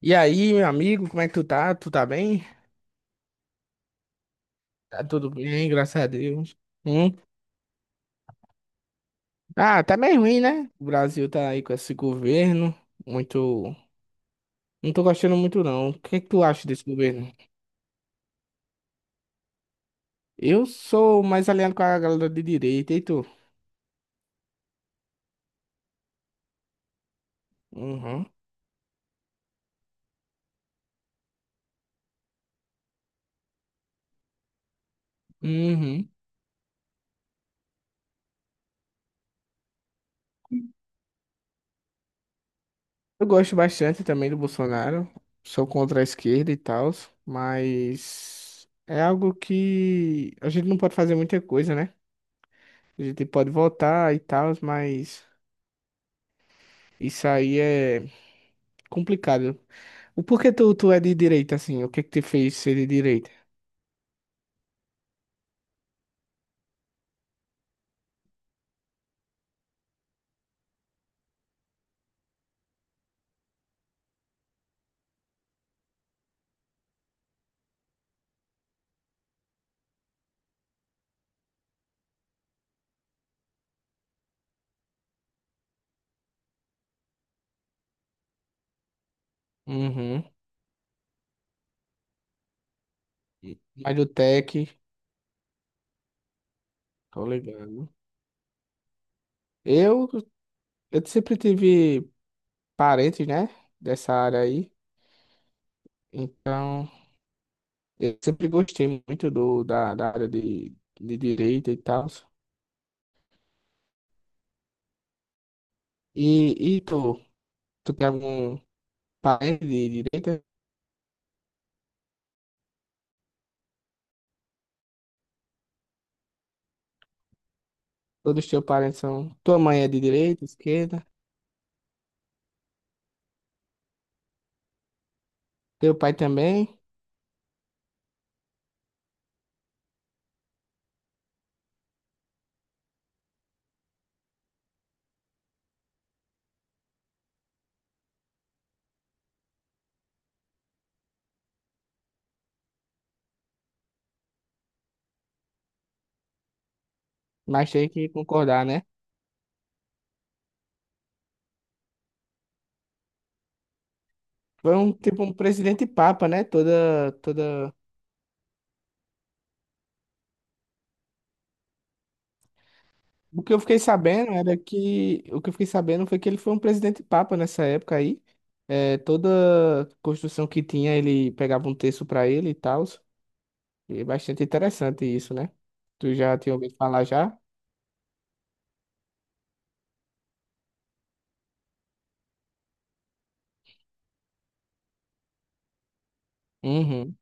E aí, meu amigo, como é que tu tá? Tu tá bem? Tá tudo bem, graças a Deus. Hum? Ah, tá meio ruim, né? O Brasil tá aí com esse governo muito. Não tô gostando muito, não. O que é que tu acha desse governo? Eu sou mais alinhado com a galera de direita, e tu? Uhum. Uhum. Eu gosto bastante também do Bolsonaro. Sou contra a esquerda e tal, mas é algo que a gente não pode fazer muita coisa, né? A gente pode votar e tal, mas isso aí é complicado. O porquê tu é de direita, assim? O que que te fez ser de direita? Uhum. Mas do tech, tô ligado. Eu, eu sempre tive parentes, né? Dessa área aí. Então, eu sempre gostei muito da área de direita e tal. E tu, tu tem algum parente de direita? Todos os teus parentes são. Tua mãe é de direita, esquerda. Teu pai também. Mas tem que concordar, né? Foi um tipo um presidente papa, né? Toda. O que eu fiquei sabendo foi que ele foi um presidente papa nessa época aí. É, toda construção que tinha ele pegava um terço pra ele e tal. E é bastante interessante isso, né? Tu já tinha ouvido falar já? Uhum,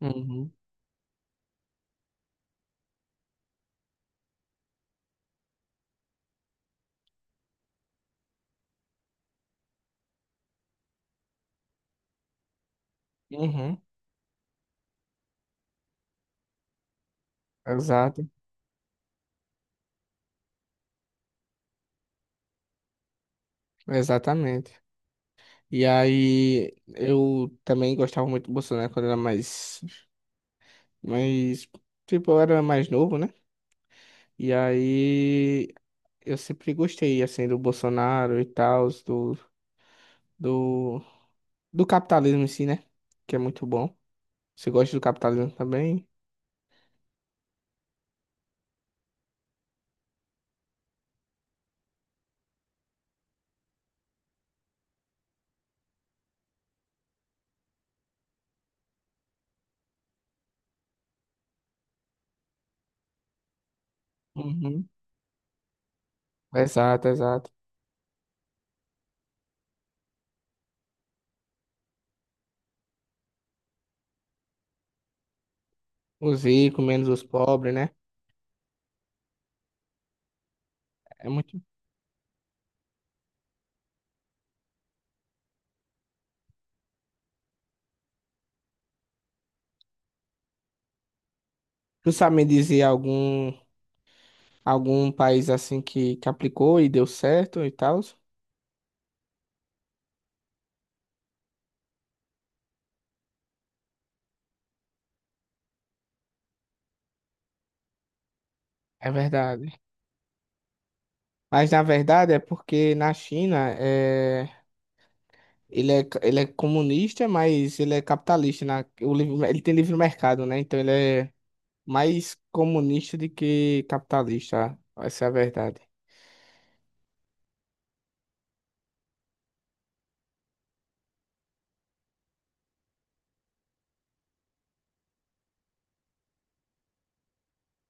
uhum, uhum. Exato, exatamente. E aí eu também gostava muito do Bolsonaro quando eu era mais, tipo, eu era mais novo, né? E aí eu sempre gostei, assim, do Bolsonaro e tal, do, do capitalismo em si, né? Que é muito bom. Você gosta do capitalismo também? Uhum. Exato, exato. Os ricos, menos os pobres, né? É muito. Tu sabe me dizer algum país assim que aplicou e deu certo e tal? É verdade. Mas na verdade é porque na China ele é comunista, mas ele é capitalista. Na, o livre, ele tem livre mercado, né? Então ele é mais comunista do que capitalista. Essa é a verdade.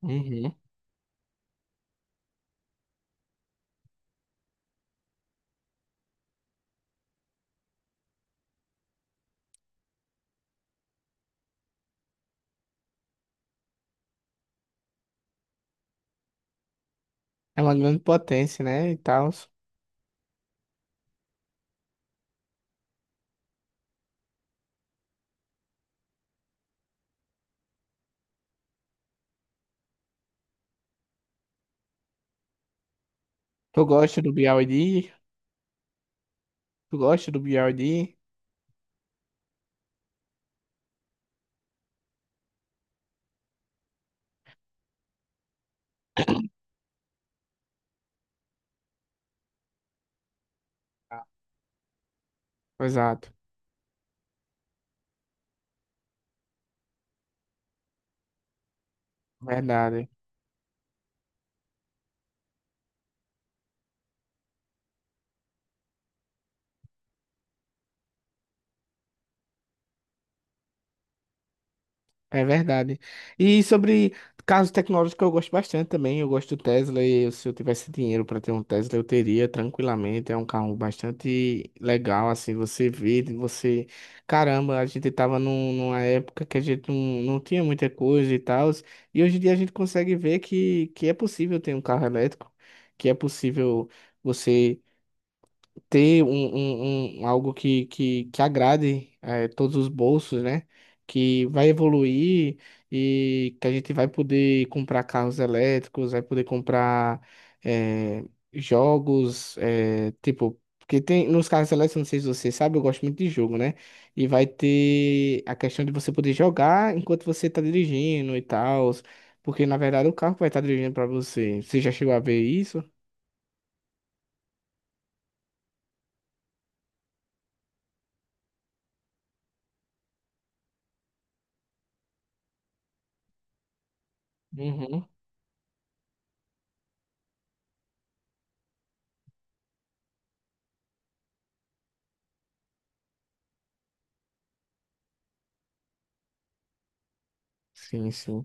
Uhum. É uma grande potência, né? E tal. Tu gosta do BYD? Tu gosta do BYD? Ah, exato. Verdade. É verdade. E sobre carros tecnológicos, eu gosto bastante também. Eu gosto do Tesla e se eu tivesse dinheiro para ter um Tesla, eu teria tranquilamente. É um carro bastante legal, assim, você vê, de você... Caramba, a gente estava numa época que a gente não tinha muita coisa e tal, e hoje em dia a gente consegue ver que é possível ter um carro elétrico, que é possível você ter algo que agrade todos os bolsos, né? Que vai evoluir e que a gente vai poder comprar carros elétricos, vai poder comprar eh, jogos, tipo, porque tem nos carros elétricos, não sei se você sabe, eu gosto muito de jogo, né? E vai ter a questão de você poder jogar enquanto você está dirigindo e tal, porque na verdade o carro vai estar dirigindo para você. Você já chegou a ver isso? Uhum. Sim, sim.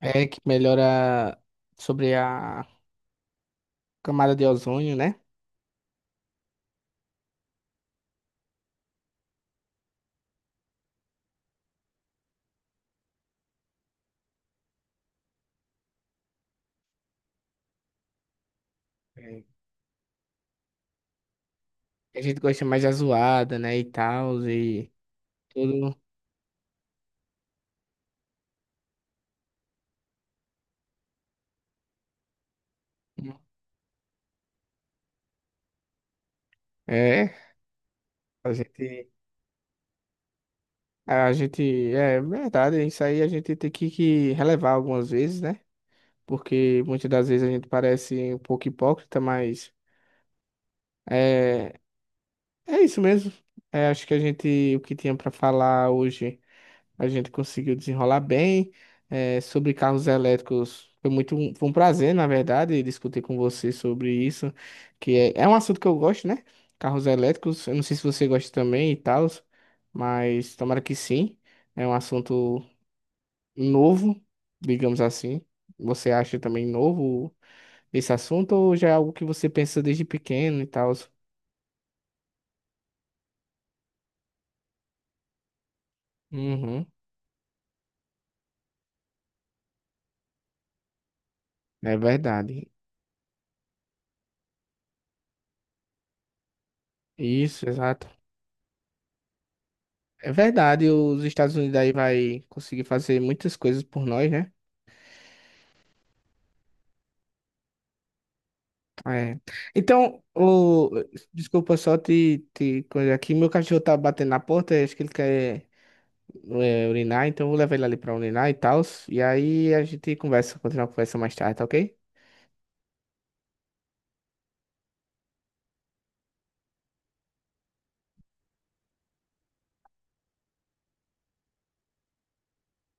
É que melhora sobre a camada de ozônio, né? É. A gente gosta mais da zoada, né? E tal, e tudo. É, a gente. A gente. É verdade, isso aí a gente tem que relevar algumas vezes, né? Porque muitas das vezes a gente parece um pouco hipócrita, mas é, é isso mesmo. É, acho que a gente. O que tinha pra falar hoje. A gente conseguiu desenrolar bem. É, sobre carros elétricos, foi foi um prazer, na verdade, discutir com você sobre isso, que é, é um assunto que eu gosto, né? Carros elétricos, eu não sei se você gosta também e tal, mas tomara que sim. É um assunto novo, digamos assim. Você acha também novo esse assunto ou já é algo que você pensa desde pequeno e tal? Uhum, é verdade. Isso, exato. É verdade, os Estados Unidos aí vai conseguir fazer muitas coisas por nós, né? É. Então, o... desculpa só te coisa aqui. Meu cachorro tá batendo na porta, acho que ele quer é, urinar, então eu vou levar ele ali pra urinar e tal. E aí a gente conversa, continua a conversa mais tarde, tá ok?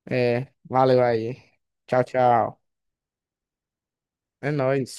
É, valeu aí. Tchau, tchau. É nóis.